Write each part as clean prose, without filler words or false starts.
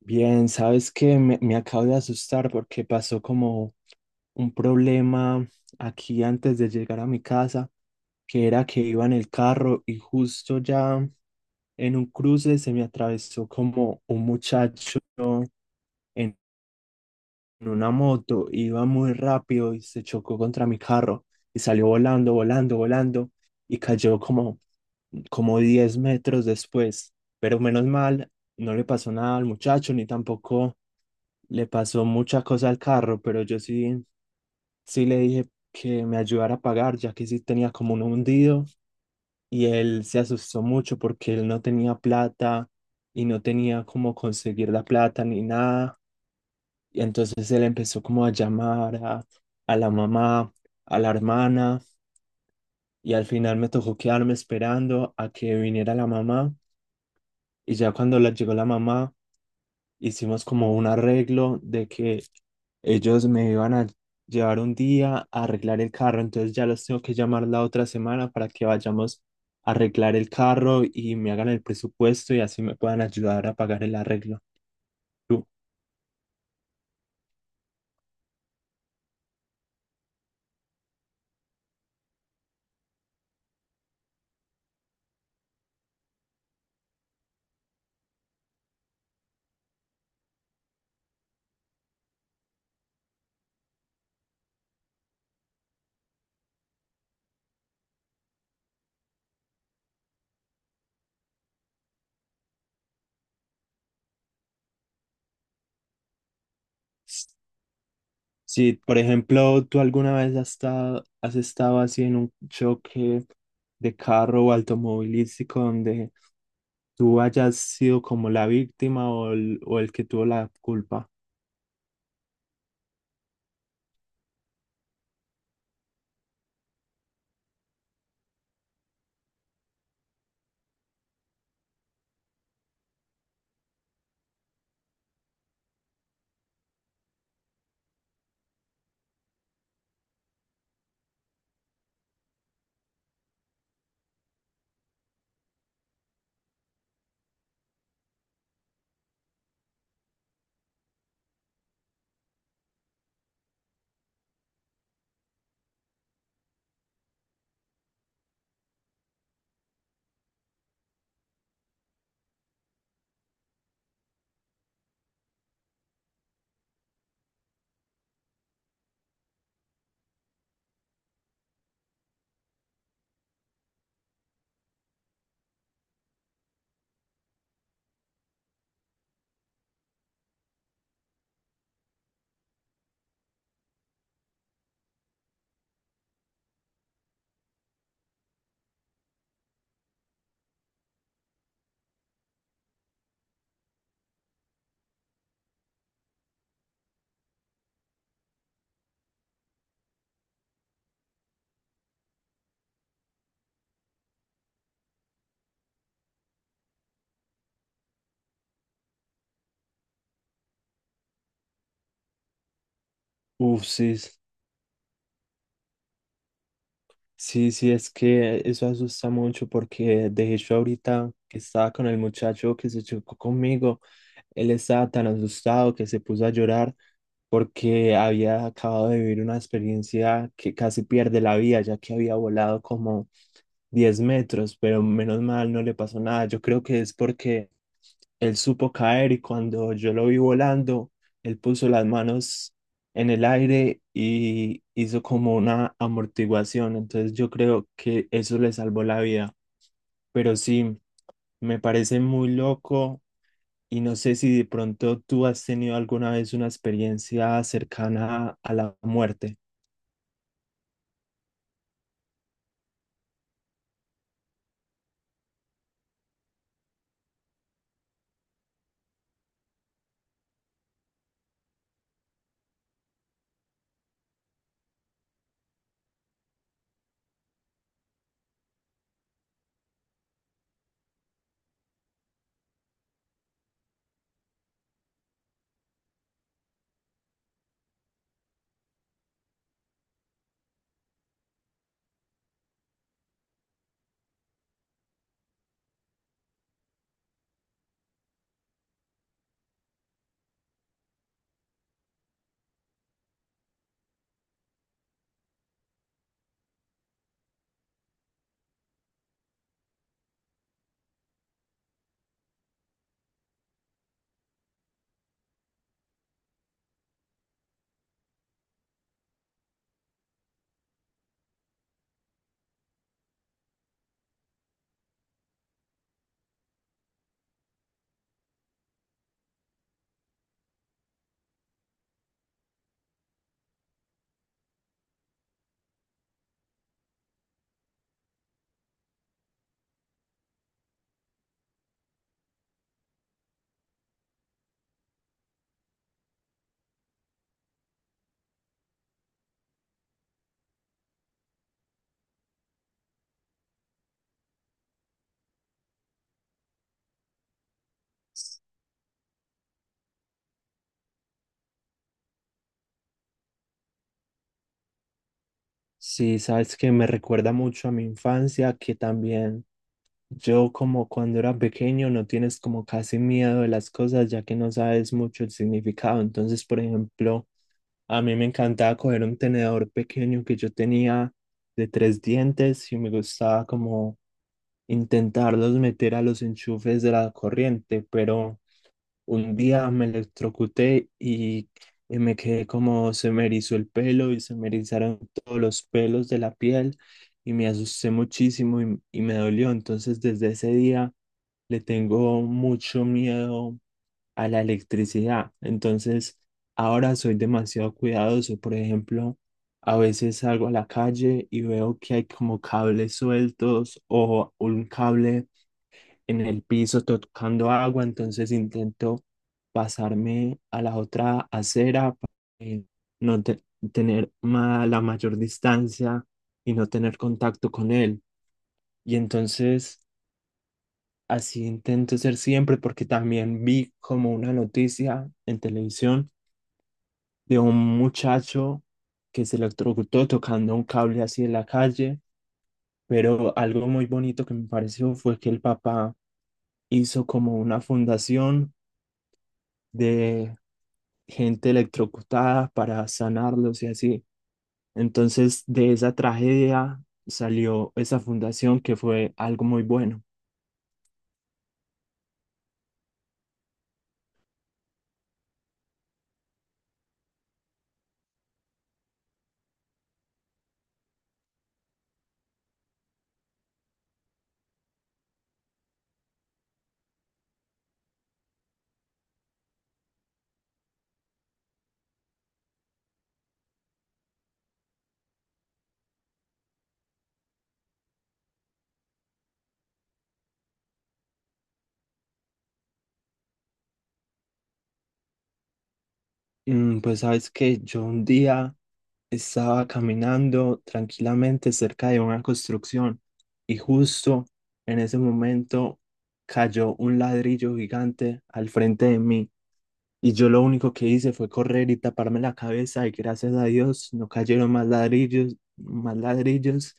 Bien, sabes que me acabo de asustar porque pasó como un problema aquí antes de llegar a mi casa, que era que iba en el carro y justo ya en un cruce se me atravesó como un muchacho en una moto. Iba muy rápido y se chocó contra mi carro y salió volando, volando, volando y cayó como 10 metros después, pero menos mal, no le pasó nada al muchacho ni tampoco le pasó mucha cosa al carro, pero yo sí le dije que me ayudara a pagar, ya que sí tenía como un hundido, y él se asustó mucho porque él no tenía plata y no tenía cómo conseguir la plata ni nada. Y entonces él empezó como a a la mamá, a la hermana, y al final me tocó quedarme esperando a que viniera la mamá. Y ya cuando llegó la mamá hicimos como un arreglo de que ellos me iban a llevar un día a arreglar el carro. Entonces ya los tengo que llamar la otra semana para que vayamos a arreglar el carro y me hagan el presupuesto y así me puedan ayudar a pagar el arreglo. Tú, si por ejemplo tú alguna vez has estado así en un choque de carro o automovilístico donde tú hayas sido como la víctima o o el que tuvo la culpa. Uf, sí. Sí, sí, es que eso asusta mucho porque de hecho ahorita que estaba con el muchacho que se chocó conmigo. Él estaba tan asustado que se puso a llorar porque había acabado de vivir una experiencia que casi pierde la vida, ya que había volado como 10 metros, pero menos mal no le pasó nada. Yo creo que es porque él supo caer, y cuando yo lo vi volando, él puso las manos en el aire y hizo como una amortiguación. Entonces yo creo que eso le salvó la vida. Pero sí, me parece muy loco, y no sé si de pronto tú has tenido alguna vez una experiencia cercana a la muerte. Sí, sabes que me recuerda mucho a mi infancia, que también yo como cuando era pequeño no tienes como casi miedo de las cosas, ya que no sabes mucho el significado. Entonces, por ejemplo, a mí me encantaba coger un tenedor pequeño que yo tenía de 3 dientes, y me gustaba como intentarlos meter a los enchufes de la corriente, pero... Un día me y me quedé como, se me erizó el pelo y se me erizaron todos los pelos de la piel, y me asusté muchísimo y me dolió. Entonces desde ese día le tengo mucho miedo a la electricidad. Entonces ahora soy demasiado cuidadoso. Por ejemplo, a veces salgo a la calle y veo que hay como cables sueltos o un cable en el piso tocando agua, entonces intento pasarme a la otra acera para eh, no te- tener la mayor distancia y no tener contacto con él. Y entonces así intento ser siempre, porque también vi como una noticia en televisión de un muchacho que se electrocutó tocando un cable así en la calle, pero algo muy bonito que me pareció fue que el papá hizo como una fundación de gente electrocutada para sanarlos y así. Entonces, de esa tragedia salió esa fundación que fue algo muy bueno. Mm, pues sabes que yo un día estaba caminando tranquilamente cerca de una construcción, y justo en ese momento cayó un ladrillo gigante al frente de mí, y yo lo único que hice fue correr y taparme la cabeza, y gracias a Dios no cayeron más ladrillos,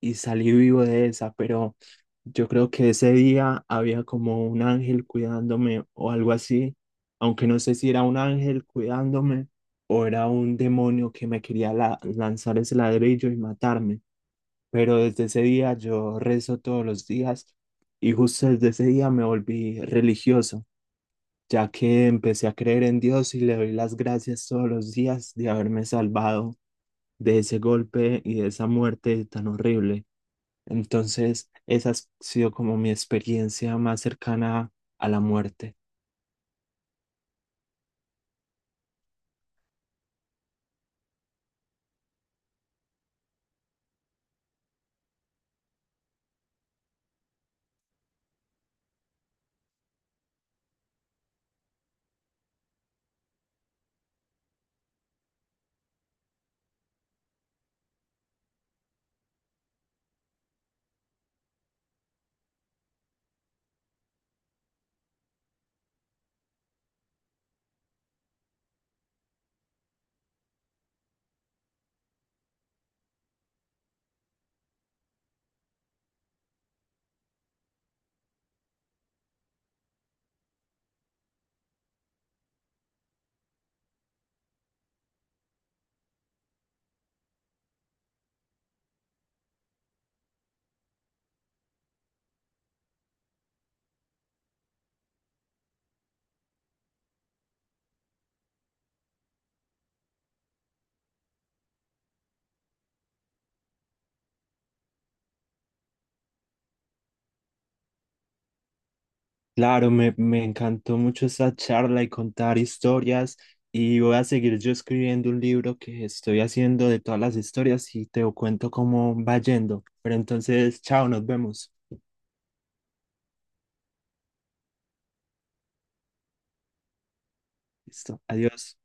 y salí vivo de esa. Pero yo creo que ese día había como un ángel cuidándome o algo así, aunque no sé si era un ángel cuidándome o era un demonio que me quería lanzar ese ladrillo y matarme. Pero desde ese día yo rezo todos los días, y justo desde ese día me volví religioso, ya que empecé a creer en Dios y le doy las gracias todos los días de haberme salvado de ese golpe y de esa muerte tan horrible. Entonces, esa ha sido como mi experiencia más cercana a la muerte. Claro, me encantó mucho esta charla y contar historias, y voy a seguir yo escribiendo un libro que estoy haciendo de todas las historias y te cuento cómo va yendo. Pero entonces, chao, nos vemos. Listo, adiós.